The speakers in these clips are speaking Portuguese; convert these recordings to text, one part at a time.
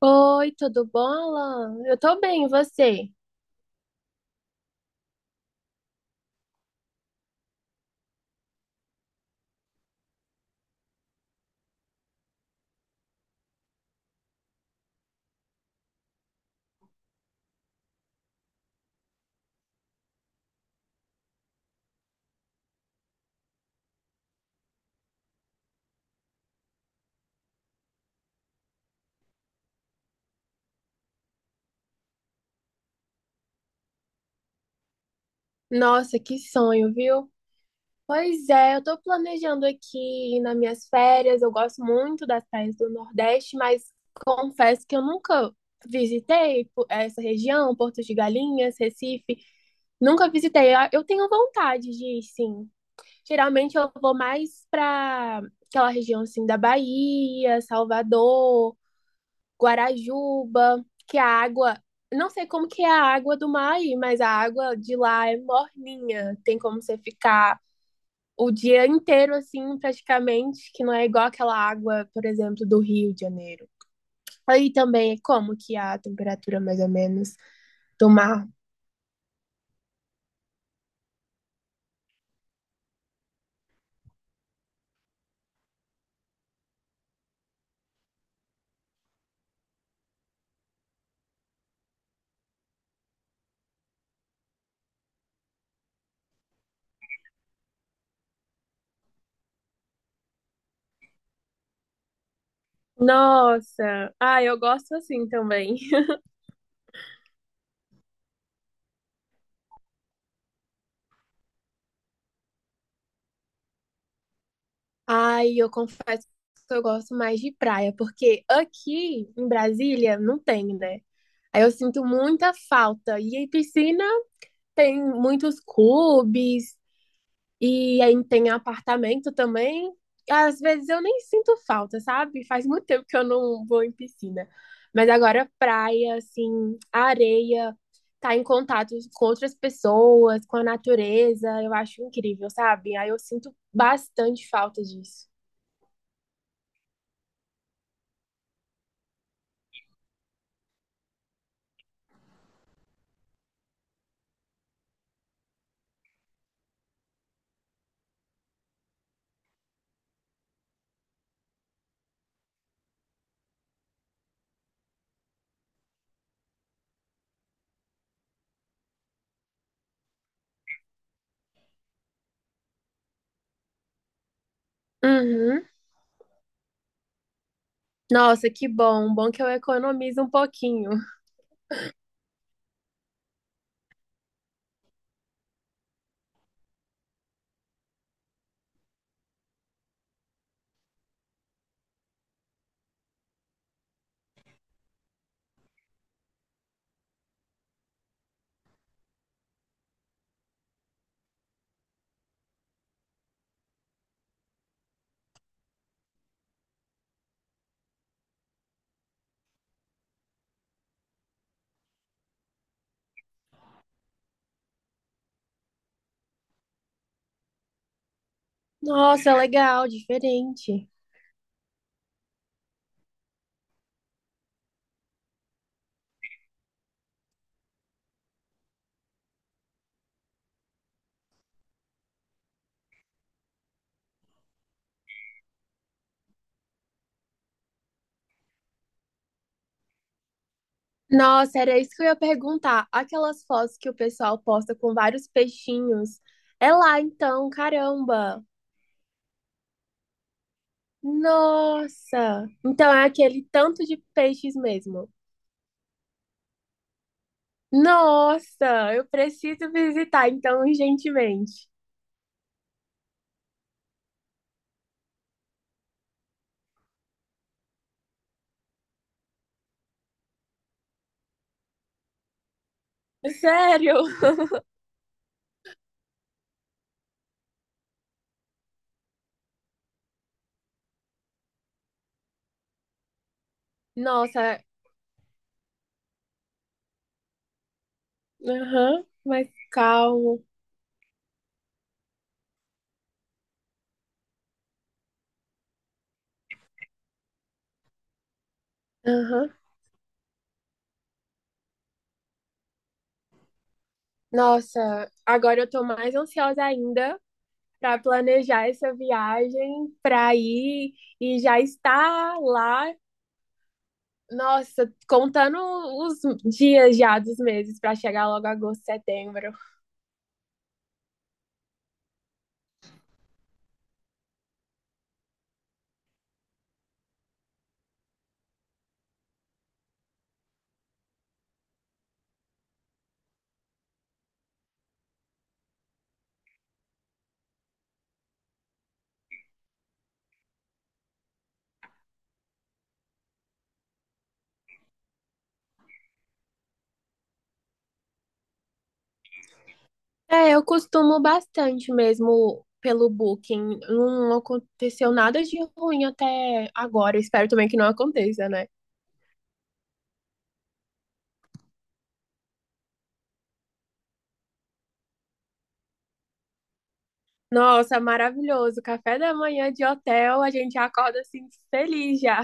Oi, tudo bom, Alan? Eu tô bem, e você? Nossa, que sonho, viu? Pois é, eu tô planejando aqui nas minhas férias. Eu gosto muito das praias do Nordeste, mas confesso que eu nunca essa região, Porto de Galinhas, Recife. Nunca visitei. Eu tenho vontade de ir, sim. Geralmente eu vou mais pra aquela região assim da Bahia, Salvador. Guarajuba, que a água, não sei como que é a água do mar aí, mas a água de lá é morninha, tem como você ficar o dia inteiro assim, praticamente, que não é igual aquela água, por exemplo, do Rio de Janeiro. Aí também é como que a temperatura mais ou menos do mar. Nossa, eu gosto assim também. Ai, eu confesso que eu gosto mais de praia, porque aqui em Brasília não tem, né? Aí eu sinto muita falta. E aí piscina, tem muitos clubes e aí tem apartamento também. Às vezes eu nem sinto falta, sabe? Faz muito tempo que eu não vou em piscina. Mas agora praia, assim, areia, tá em contato com outras pessoas, com a natureza, eu acho incrível, sabe? Aí eu sinto bastante falta disso. Uhum. Nossa, que bom. Bom que eu economizo um pouquinho. Nossa, legal, diferente. Nossa, era isso que eu ia perguntar. Aquelas fotos que o pessoal posta com vários peixinhos. É lá então, caramba. Nossa. Então é aquele tanto de peixes mesmo. Nossa, eu preciso visitar então urgentemente. Sério? Nossa. Aham, mas calmo. Aham. Nossa, agora eu tô mais ansiosa ainda para planejar essa viagem, para ir e já estar lá. Nossa, contando os dias já, dos meses para chegar logo agosto, setembro. É, eu costumo bastante mesmo pelo Booking. Não aconteceu nada de ruim até agora. Espero também que não aconteça, né? Nossa, maravilhoso. Café da manhã de hotel, a gente acorda assim feliz já.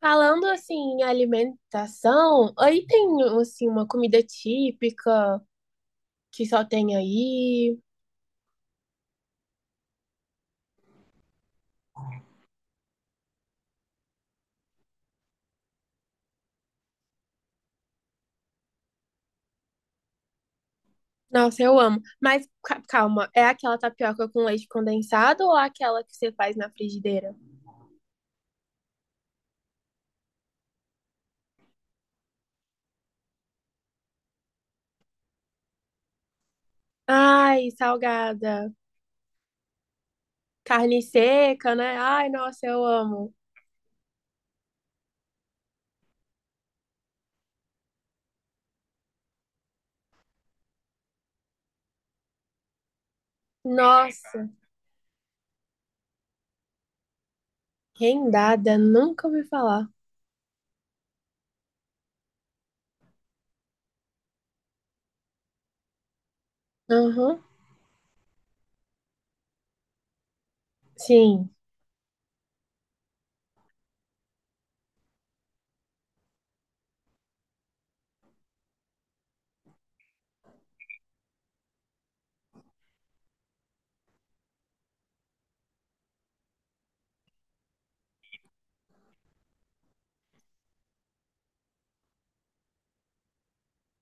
Falando assim em alimentação, aí tem assim uma comida típica que só tem aí. Nossa, eu amo. Mas calma, é aquela tapioca com leite condensado ou aquela que você faz na frigideira? Ai, salgada. Carne seca, né? Ai, nossa, eu amo. Nossa, rendada, nunca ouvi falar. Aham, sim.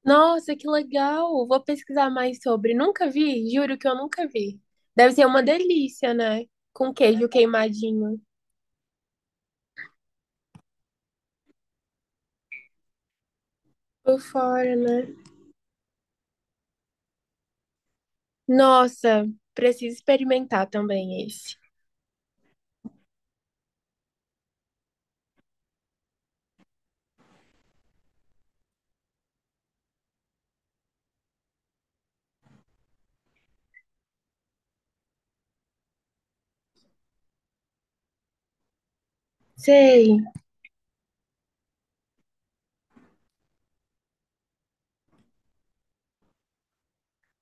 Nossa, que legal. Vou pesquisar mais sobre. Nunca vi, juro que eu nunca vi. Deve ser uma delícia, né? Com queijo queimadinho. Por fora, né? Nossa, preciso experimentar também esse. Sei.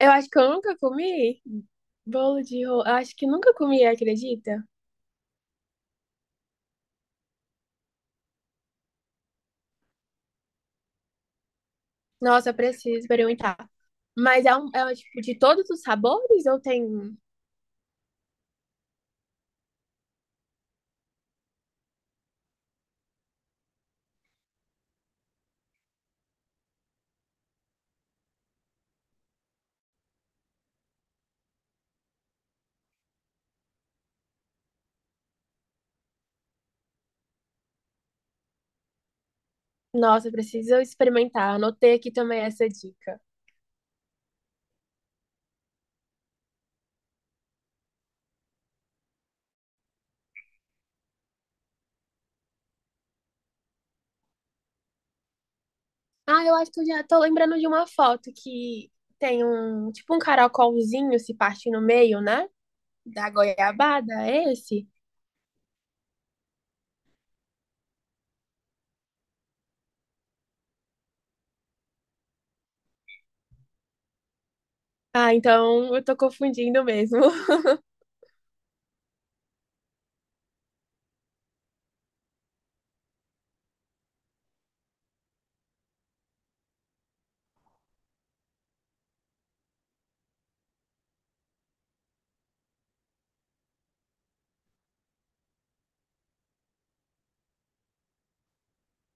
Eu acho que eu nunca comi bolo de rolo. Acho que nunca comi, acredita? Nossa, preciso experimentar. É um tipo de todos os sabores ou tem um? Nossa, preciso experimentar. Anotei aqui também essa dica. Ah, eu acho que eu já tô lembrando de uma foto que tem um tipo um caracolzinho, se parte no meio, né? Da goiabada, é esse? Ah, então eu tô confundindo mesmo.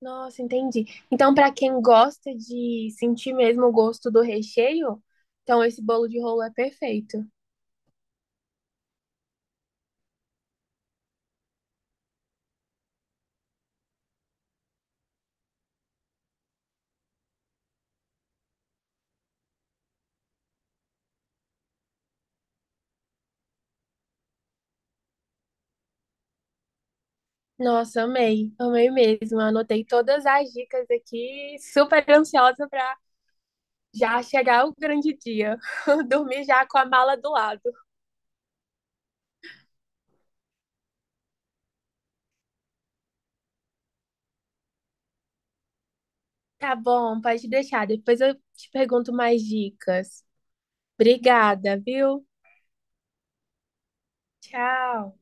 Nossa, entendi. Então, para quem gosta de sentir mesmo o gosto do recheio, então esse bolo de rolo é perfeito. Nossa, amei, amei mesmo. Anotei todas as dicas aqui, super ansiosa para já chegar o grande dia. Dormir já com a mala do lado. Tá bom, pode deixar. Depois eu te pergunto mais dicas. Obrigada, viu? Tchau.